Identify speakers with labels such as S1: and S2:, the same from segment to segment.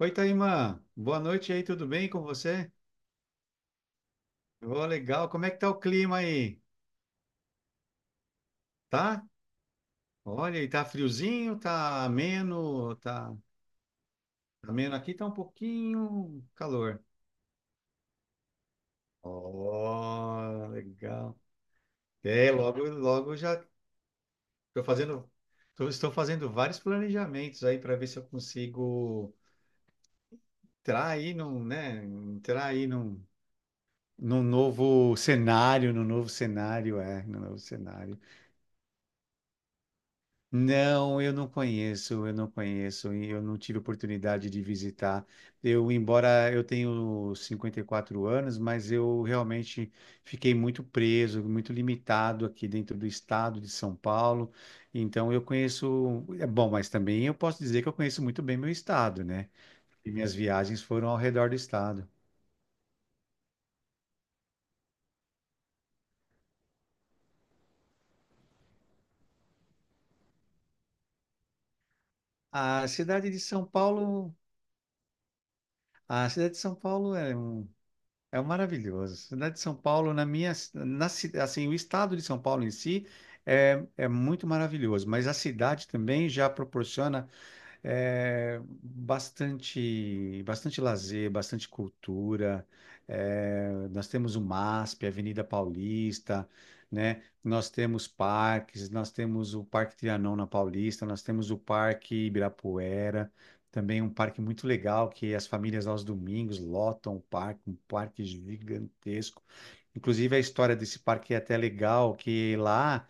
S1: Oi, Taimã. Boa noite aí, tudo bem com você? Ô, legal. Como é que tá o clima aí? Tá? Olha, e tá friozinho, tá ameno, tá tá ameno aqui, tá um pouquinho calor. Ó, legal. É, logo, logo já tô fazendo, estou fazendo vários planejamentos aí para ver se eu consigo entrar aí num, né, num novo cenário. Não, eu não conheço e eu não tive oportunidade de visitar. Embora eu tenho 54 anos, mas eu realmente fiquei muito preso, muito limitado aqui dentro do estado de São Paulo. Então eu conheço, é bom, mas também eu posso dizer que eu conheço muito bem meu estado, né? E minhas viagens foram ao redor do estado. A cidade de São Paulo, a cidade de São Paulo é um é maravilhoso. Cidade de São Paulo, na minha, assim, o estado de São Paulo em si é muito maravilhoso, mas a cidade também já proporciona bastante, bastante lazer, bastante cultura. É, nós temos o MASP, a Avenida Paulista, né? Nós temos parques, nós temos o Parque Trianon na Paulista, nós temos o Parque Ibirapuera, também um parque muito legal que as famílias aos domingos lotam o parque, um parque gigantesco. Inclusive a história desse parque é até legal, que lá.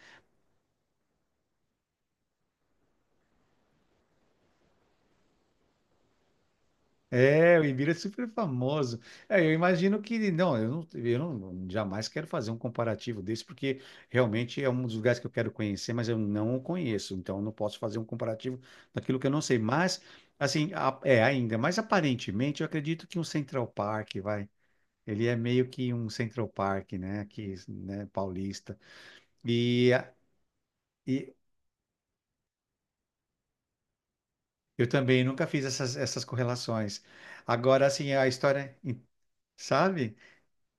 S1: É, o Ibira é super famoso. É, eu imagino que, não, eu não, eu não- jamais quero fazer um comparativo desse, porque realmente é um dos lugares que eu quero conhecer, mas eu não o conheço, então eu não posso fazer um comparativo daquilo que eu não sei. Mas, assim, é ainda, mas aparentemente eu acredito que um Central Park, vai, ele é meio que um Central Park, né, aqui, né, paulista. E, e eu também nunca fiz essas correlações. Agora, assim, a história, sabe?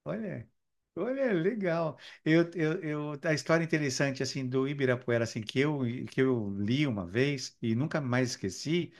S1: Olha, olha, legal. A história interessante assim do Ibirapuera assim que eu li uma vez e nunca mais esqueci.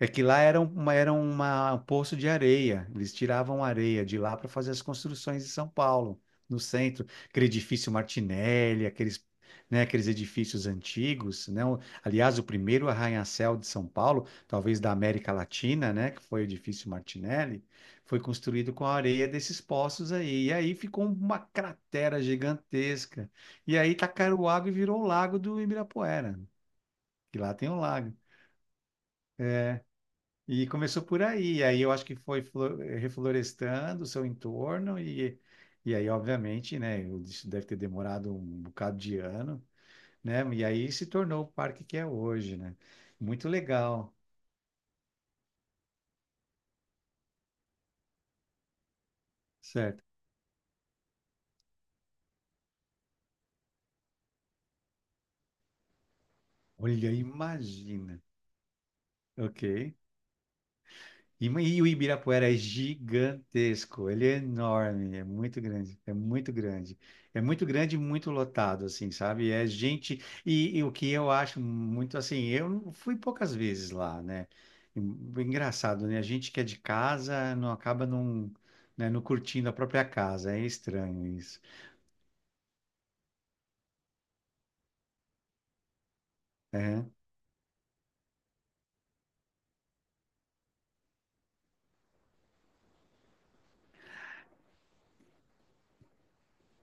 S1: É que lá era, um poço de areia. Eles tiravam areia de lá para fazer as construções de São Paulo, no centro. Aquele edifício Martinelli, né, aqueles edifícios antigos, né? Aliás, o primeiro arranha-céu de São Paulo, talvez da América Latina, né, que foi o edifício Martinelli, foi construído com a areia desses poços aí. E aí ficou uma cratera gigantesca. E aí tacaram água e virou o Lago do Ibirapuera, que lá tem um lago. E começou por aí, aí eu acho que foi reflorestando o seu entorno e aí, obviamente, né, isso deve ter demorado um bocado de ano, né, e aí se tornou o parque que é hoje, né, muito legal, certo? Olha, imagina, ok? E o Ibirapuera é gigantesco, ele é enorme, é muito grande, é muito grande. É muito grande e muito lotado, assim, sabe? É gente. E o que eu acho muito assim, eu não- fui poucas vezes lá, né? E- Engraçado, né? A gente que é de casa não acaba não, né, não curtindo a própria casa, é estranho isso. É.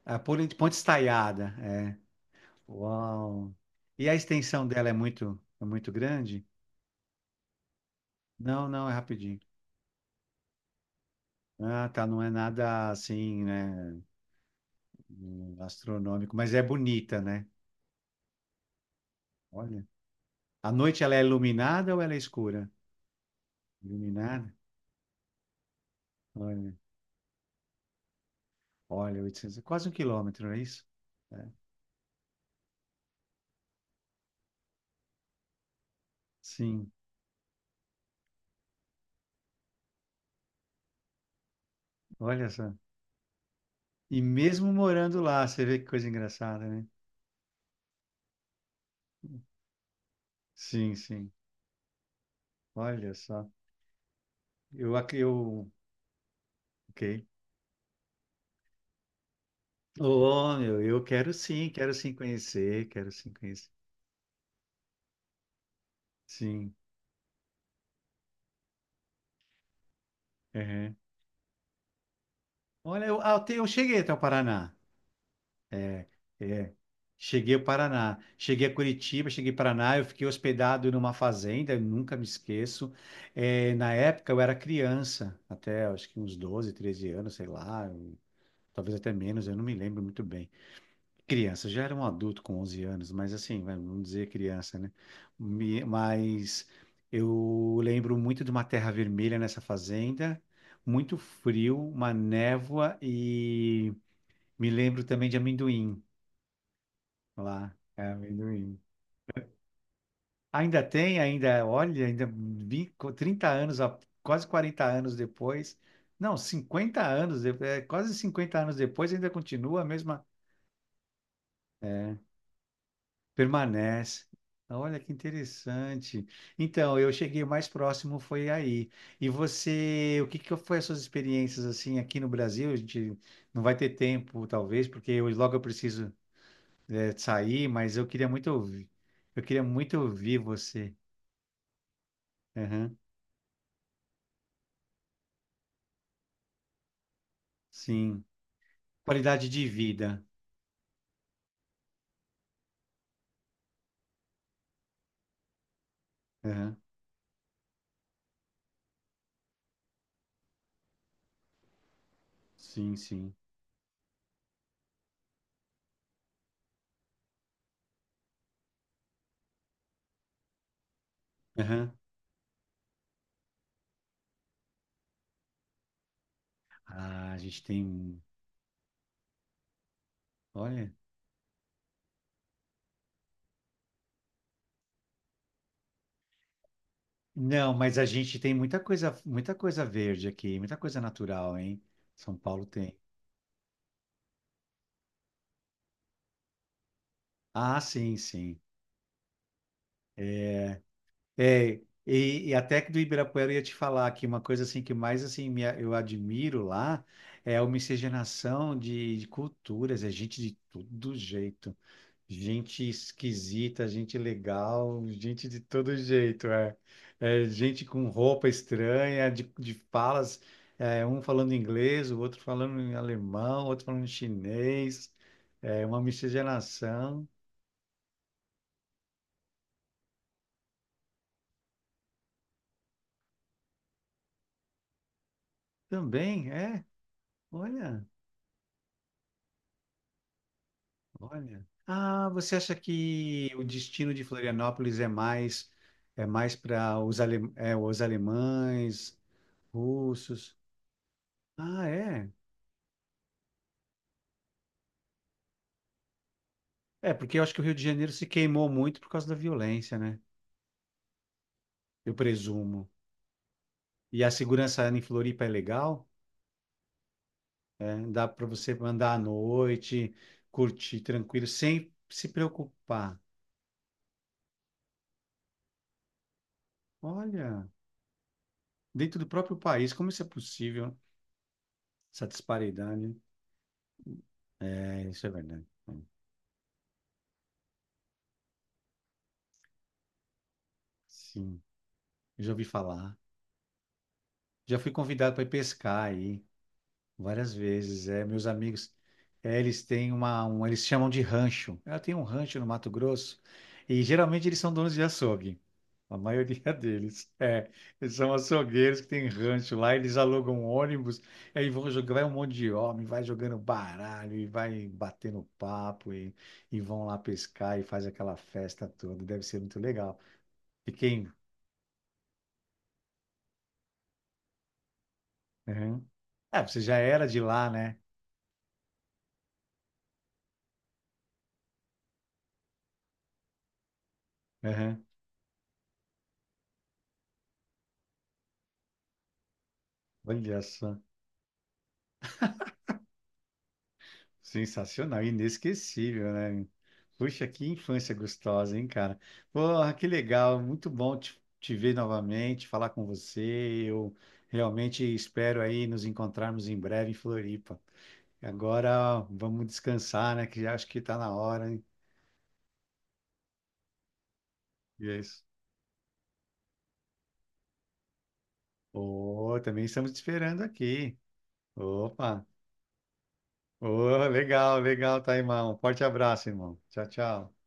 S1: A Ponte Estaiada, é. Uau! E a extensão dela é muito grande? Não, não, é rapidinho. Ah, tá, não é nada assim, né, astronômico, mas é bonita, né? Olha. À noite ela é iluminada ou ela é escura? Iluminada? Olha, olha, 800, quase um quilômetro, não é isso? É. Sim, olha só. E mesmo morando lá, você vê que coisa engraçada, né? Sim, sim, olha só. Eu, ac- eu, ok. Oh, meu, eu quero sim conhecer, quero sim conhecer. Sim, uhum. Olha, ah, eu cheguei até o Paraná. É. É. Cheguei ao Paraná. Cheguei a Curitiba, cheguei ao Paraná, eu fiquei hospedado numa fazenda, eu nunca me esqueço. É, na época eu era criança, até acho que uns 12, 13 anos, sei lá, talvez até menos, eu não me lembro muito bem. Criança, já era um adulto com 11 anos, mas assim, vamos dizer criança, né? Mas eu lembro muito de uma terra vermelha nessa fazenda, muito frio, uma névoa e me lembro também de amendoim. Lá, é amendoim. Ainda tem, ainda, olha, ainda 20, 30 anos, quase 40 anos depois. Não, 50 anos depois, é, quase 50 anos depois ainda continua a mesma, é, permanece. Olha que interessante. Então, eu cheguei o mais próximo foi aí. E você, o que que foi as suas experiências assim aqui no Brasil? A gente não vai ter tempo, talvez, porque eu, logo eu preciso, sair, mas eu queria muito ouvir. Eu queria muito ouvir você. Sim. Qualidade de vida. Aham. Sim, sim. Aham. Ah, a gente tem. Olha. Não, mas a gente tem muita coisa verde aqui, muita coisa natural, hein? São Paulo tem. Ah, sim, sim. É, e até que do Ibirapuera eu ia te falar que uma coisa assim que mais assim eu admiro lá é a miscigenação de culturas, é gente de todo jeito. Gente esquisita, gente legal, gente de todo jeito, é. É, gente com roupa estranha, de falas, é, um falando inglês, o outro falando em alemão, o outro falando em chinês, é uma miscigenação. Também, é, olha, olha. Ah, você acha que o destino de Florianópolis é mais para os alemães, russos? Ah, é? É, porque eu acho que o Rio de Janeiro se queimou muito por causa da violência, né? Eu presumo. E a segurança em Floripa é legal, dá para você andar à noite, curtir tranquilo, sem se preocupar. Olha, dentro do próprio país, como isso é possível? Essa disparidade. É, isso é verdade. É, sim, eu já ouvi falar. Já fui convidado para ir pescar aí. Várias vezes, é, meus amigos, é, eles têm uma, um, eles chamam de rancho. Ela tem um rancho no Mato Grosso e geralmente eles são donos de açougue. A maioria deles, é, eles são açougueiros que têm rancho lá, eles alugam ônibus, aí vão jogar, vai um monte de homem, vai jogando baralho e vai batendo papo e vão lá pescar e faz aquela festa toda. Deve ser muito legal. E quem? Uhum. É, você já era de lá, né? Uhum. Olha só. Sensacional, inesquecível, né? Puxa, que infância gostosa, hein, cara? Porra, que legal, muito bom te ver novamente, falar com você. Eu realmente espero aí nos encontrarmos em breve em Floripa. Agora vamos descansar, né? Que já acho que tá na hora, hein? E é isso. Ô, também estamos te esperando aqui. Opa! Ô, legal, legal, tá, irmão. Forte abraço, irmão. Tchau, tchau.